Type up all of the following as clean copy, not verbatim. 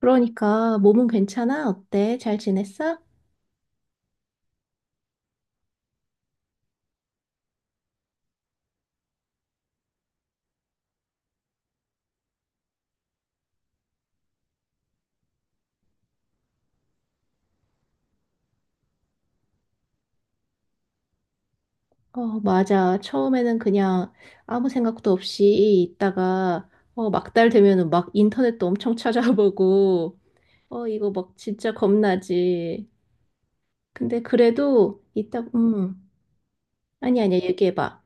그러니까 몸은 괜찮아? 어때? 잘 지냈어? 맞아. 처음에는 그냥 아무 생각도 없이 있다가 막달 되면은 막 인터넷도 엄청 찾아보고 이거 막 진짜 겁나지. 근데 그래도 있다 아니 아니야. 얘기해 봐.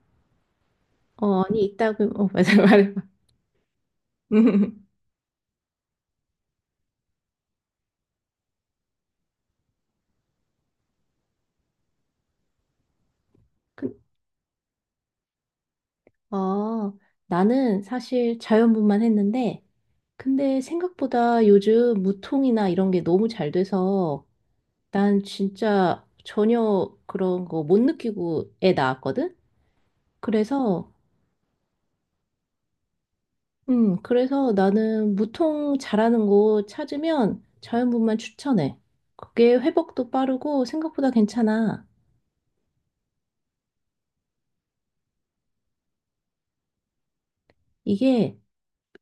아니 있다고 맞아. 말해 봐. 그- 어, 나는 사실 자연분만 했는데 근데 생각보다 요즘 무통이나 이런 게 너무 잘 돼서 난 진짜 전혀 그런 거 못 느끼고 애 낳았거든? 그래서, 그래서 나는 무통 잘하는 곳 찾으면 자연분만 추천해. 그게 회복도 빠르고 생각보다 괜찮아. 이게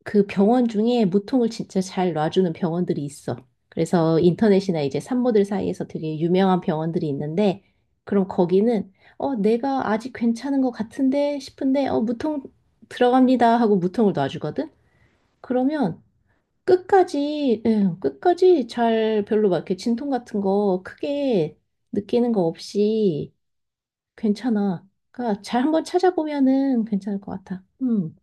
그 병원 중에 무통을 진짜 잘 놔주는 병원들이 있어. 그래서 인터넷이나 이제 산모들 사이에서 되게 유명한 병원들이 있는데, 그럼 거기는, 내가 아직 괜찮은 것 같은데 싶은데, 무통 들어갑니다 하고 무통을 놔주거든? 그러면 끝까지, 예, 끝까지 잘 별로 막 이렇게 진통 같은 거 크게 느끼는 거 없이 괜찮아. 그러니까 잘 한번 찾아보면은 괜찮을 것 같아.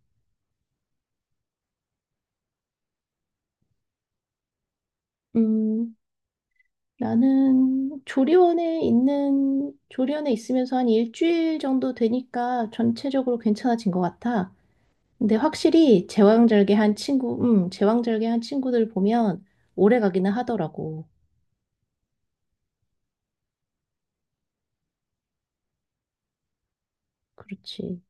음, 나는 조리원에 있으면서 한 일주일 정도 되니까 전체적으로 괜찮아진 것 같아. 근데 확실히 제왕절개한 친구들 보면 오래 가기는 하더라고. 그렇지.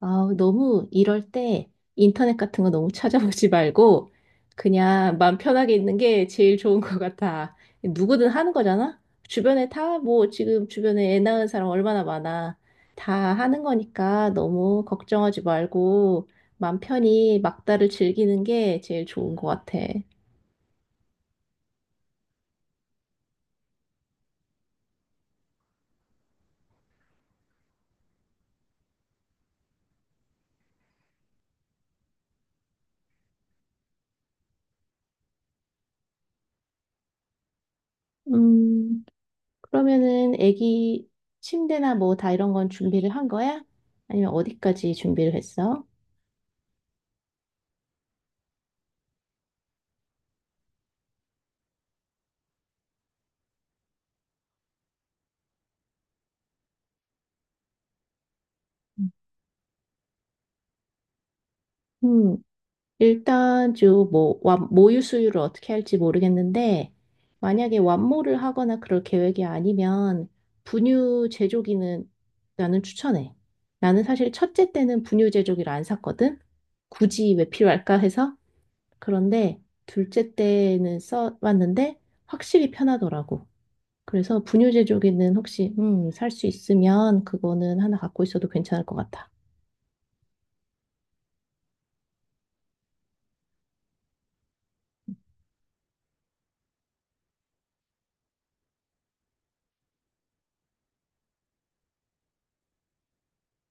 아, 너무 이럴 때 인터넷 같은 거 너무 찾아보지 말고 그냥 마음 편하게 있는 게 제일 좋은 것 같아. 누구든 하는 거잖아? 주변에 다 뭐 지금 주변에 애 낳은 사람 얼마나 많아. 다 하는 거니까 너무 걱정하지 말고 마음 편히 막다를 즐기는 게 제일 좋은 것 같아. 음, 그러면은 애기 침대나 뭐 다 이런 건 준비를 한 거야? 아니면 어디까지 준비를 했어? 음. 일단 주뭐 모유 수유를 어떻게 할지 모르겠는데 만약에 완모를 하거나 그럴 계획이 아니면 분유 제조기는 나는 추천해. 나는 사실 첫째 때는 분유 제조기를 안 샀거든. 굳이 왜 필요할까 해서. 그런데 둘째 때는 써봤는데 확실히 편하더라고. 그래서 분유 제조기는 혹시 살 수 있으면 그거는 하나 갖고 있어도 괜찮을 것 같아.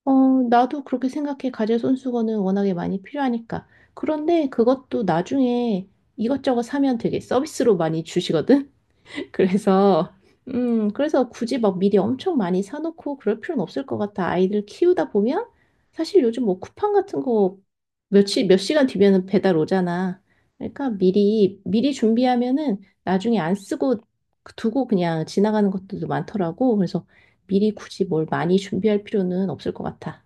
어, 나도 그렇게 생각해. 가재 손수건은 워낙에 많이 필요하니까. 그런데 그것도 나중에 이것저것 사면 되게 서비스로 많이 주시거든? 그래서, 그래서 굳이 막 미리 엄청 많이 사놓고 그럴 필요는 없을 것 같아. 아이들 키우다 보면 사실 요즘 뭐 쿠팡 같은 거 며칠, 몇 시간 뒤면은 배달 오잖아. 그러니까 미리, 미리 준비하면은 나중에 안 쓰고 두고 그냥 지나가는 것들도 많더라고. 그래서 미리 굳이 뭘 많이 준비할 필요는 없을 것 같아.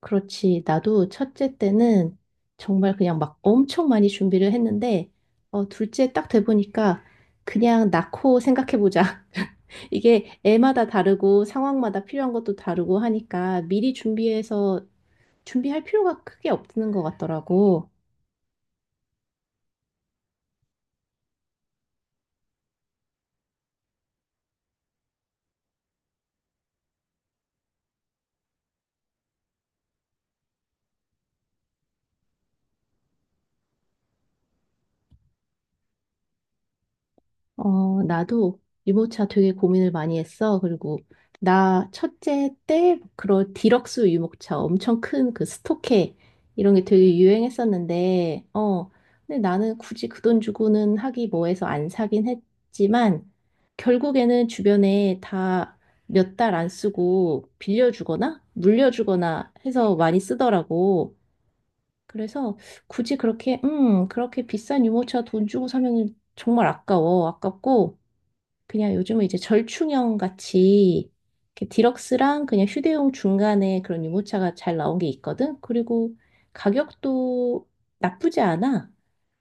그렇지. 나도 첫째 때는 정말 그냥 막 엄청 많이 준비를 했는데, 둘째 딱 돼보니까 그냥 낳고 생각해보자. 이게 애마다 다르고 상황마다 필요한 것도 다르고 하니까 미리 준비해서 준비할 필요가 크게 없는 것 같더라고. 나도 유모차 되게 고민을 많이 했어. 그리고 나 첫째 때 그런 디럭스 유모차 엄청 큰 그 스토케 이런 게 되게 유행했었는데, 근데 나는 굳이 그 돈 주고는 하기 뭐해서 안 사긴 했지만 결국에는 주변에 다 몇 달 안 쓰고 빌려주거나 물려주거나 해서 많이 쓰더라고. 그래서 굳이 그렇게, 그렇게 비싼 유모차 돈 주고 사면 정말 아까워. 아깝고, 그냥 요즘은 이제 절충형 같이 이렇게 디럭스랑 그냥 휴대용 중간에 그런 유모차가 잘 나온 게 있거든. 그리고 가격도 나쁘지 않아.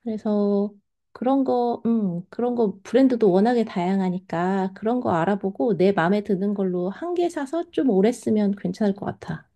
그래서 그런 거 브랜드도 워낙에 다양하니까 그런 거 알아보고 내 마음에 드는 걸로 한 개 사서 좀 오래 쓰면 괜찮을 것 같아.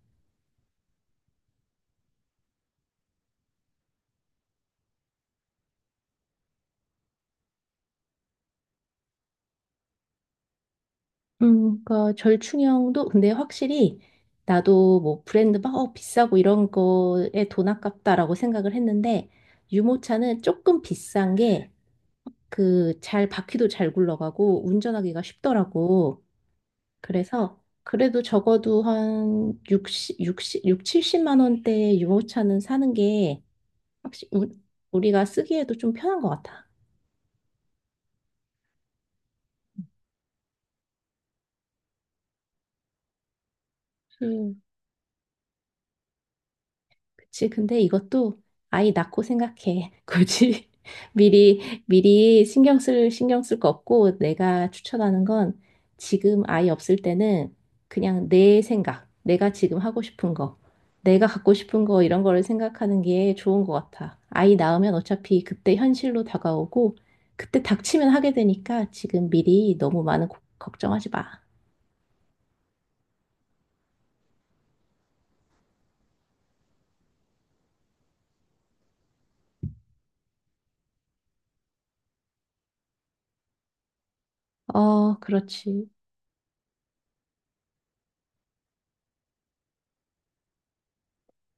그러니까 절충형도 근데 확실히 나도 뭐 브랜드 막 비싸고 이런 거에 돈 아깝다라고 생각을 했는데 유모차는 조금 비싼 게 그 잘 바퀴도 잘 굴러가고 운전하기가 쉽더라고. 그래서 그래도 적어도 한 60, 육십 육 70만 원대의 유모차는 사는 게 확실히 우리가 쓰기에도 좀 편한 것 같아. 그치, 근데 이것도 아이 낳고 생각해. 굳이 미리, 미리 신경 쓸 거 없고 내가 추천하는 건 지금 아이 없을 때는 그냥 내가 지금 하고 싶은 거, 내가 갖고 싶은 거 이런 거를 생각하는 게 좋은 것 같아. 아이 낳으면 어차피 그때 현실로 다가오고 그때 닥치면 하게 되니까 지금 미리 너무 많은 걱정하지 마. 그렇지.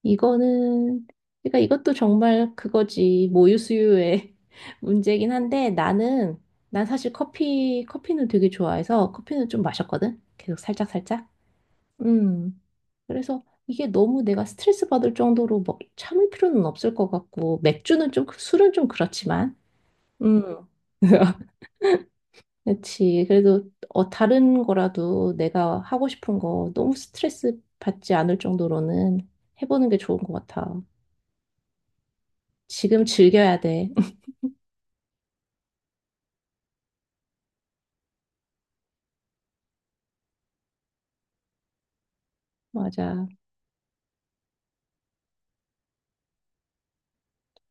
이거는, 그러니까 이것도 정말 그거지. 모유 수유의 문제긴 한데 나는, 난 사실 커피는 되게 좋아해서 커피는 좀 마셨거든? 계속 살짝살짝. 음. 그래서 이게 너무 내가 스트레스 받을 정도로 뭐 참을 필요는 없을 것 같고, 맥주는 좀, 술은 좀 그렇지만. 음. 그렇지. 그래도 다른 거라도 내가 하고 싶은 거 너무 스트레스 받지 않을 정도로는 해보는 게 좋은 것 같아. 지금 즐겨야 돼. 맞아,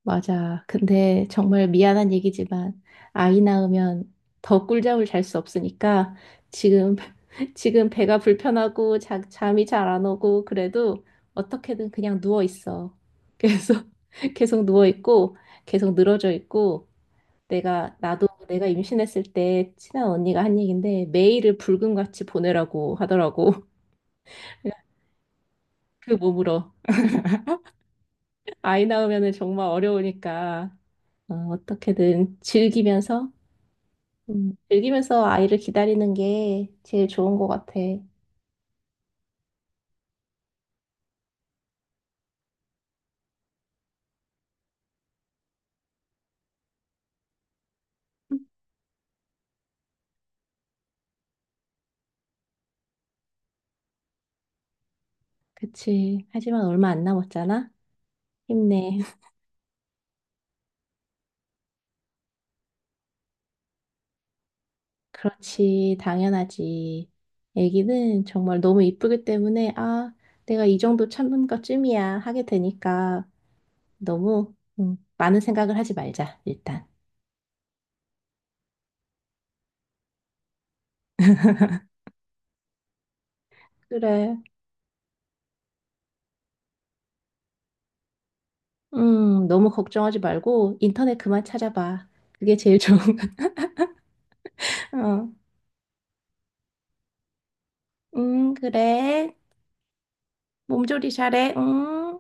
맞아. 근데 정말 미안한 얘기지만 아이 낳으면 더 꿀잠을 잘 수 없으니까 지금 지금 배가 불편하고 잠이 잘 안 오고 그래도 어떻게든 그냥 누워 있어. 그래서 계속 누워 있고 계속 늘어져 있고 내가 임신했을 때 친한 언니가 한 얘긴데 매일을 불금같이 보내라고 하더라고. 그 몸으로 아이 낳으면은 정말 어려우니까 어떻게든 즐기면서, 즐기면서 아이를 기다리는 게 제일 좋은 것 같아. 그치. 하지만 얼마 안 남았잖아? 힘내. 그렇지. 당연하지. 애기는 정말 너무 이쁘기 때문에, 내가 이 정도 참은 것쯤이야. 하게 되니까 너무 많은 생각을 하지 말자, 일단. 그래. 너무 걱정하지 말고 인터넷 그만 찾아봐. 그게 제일 좋은 거. 어. 그래. 몸조리 잘해. 응.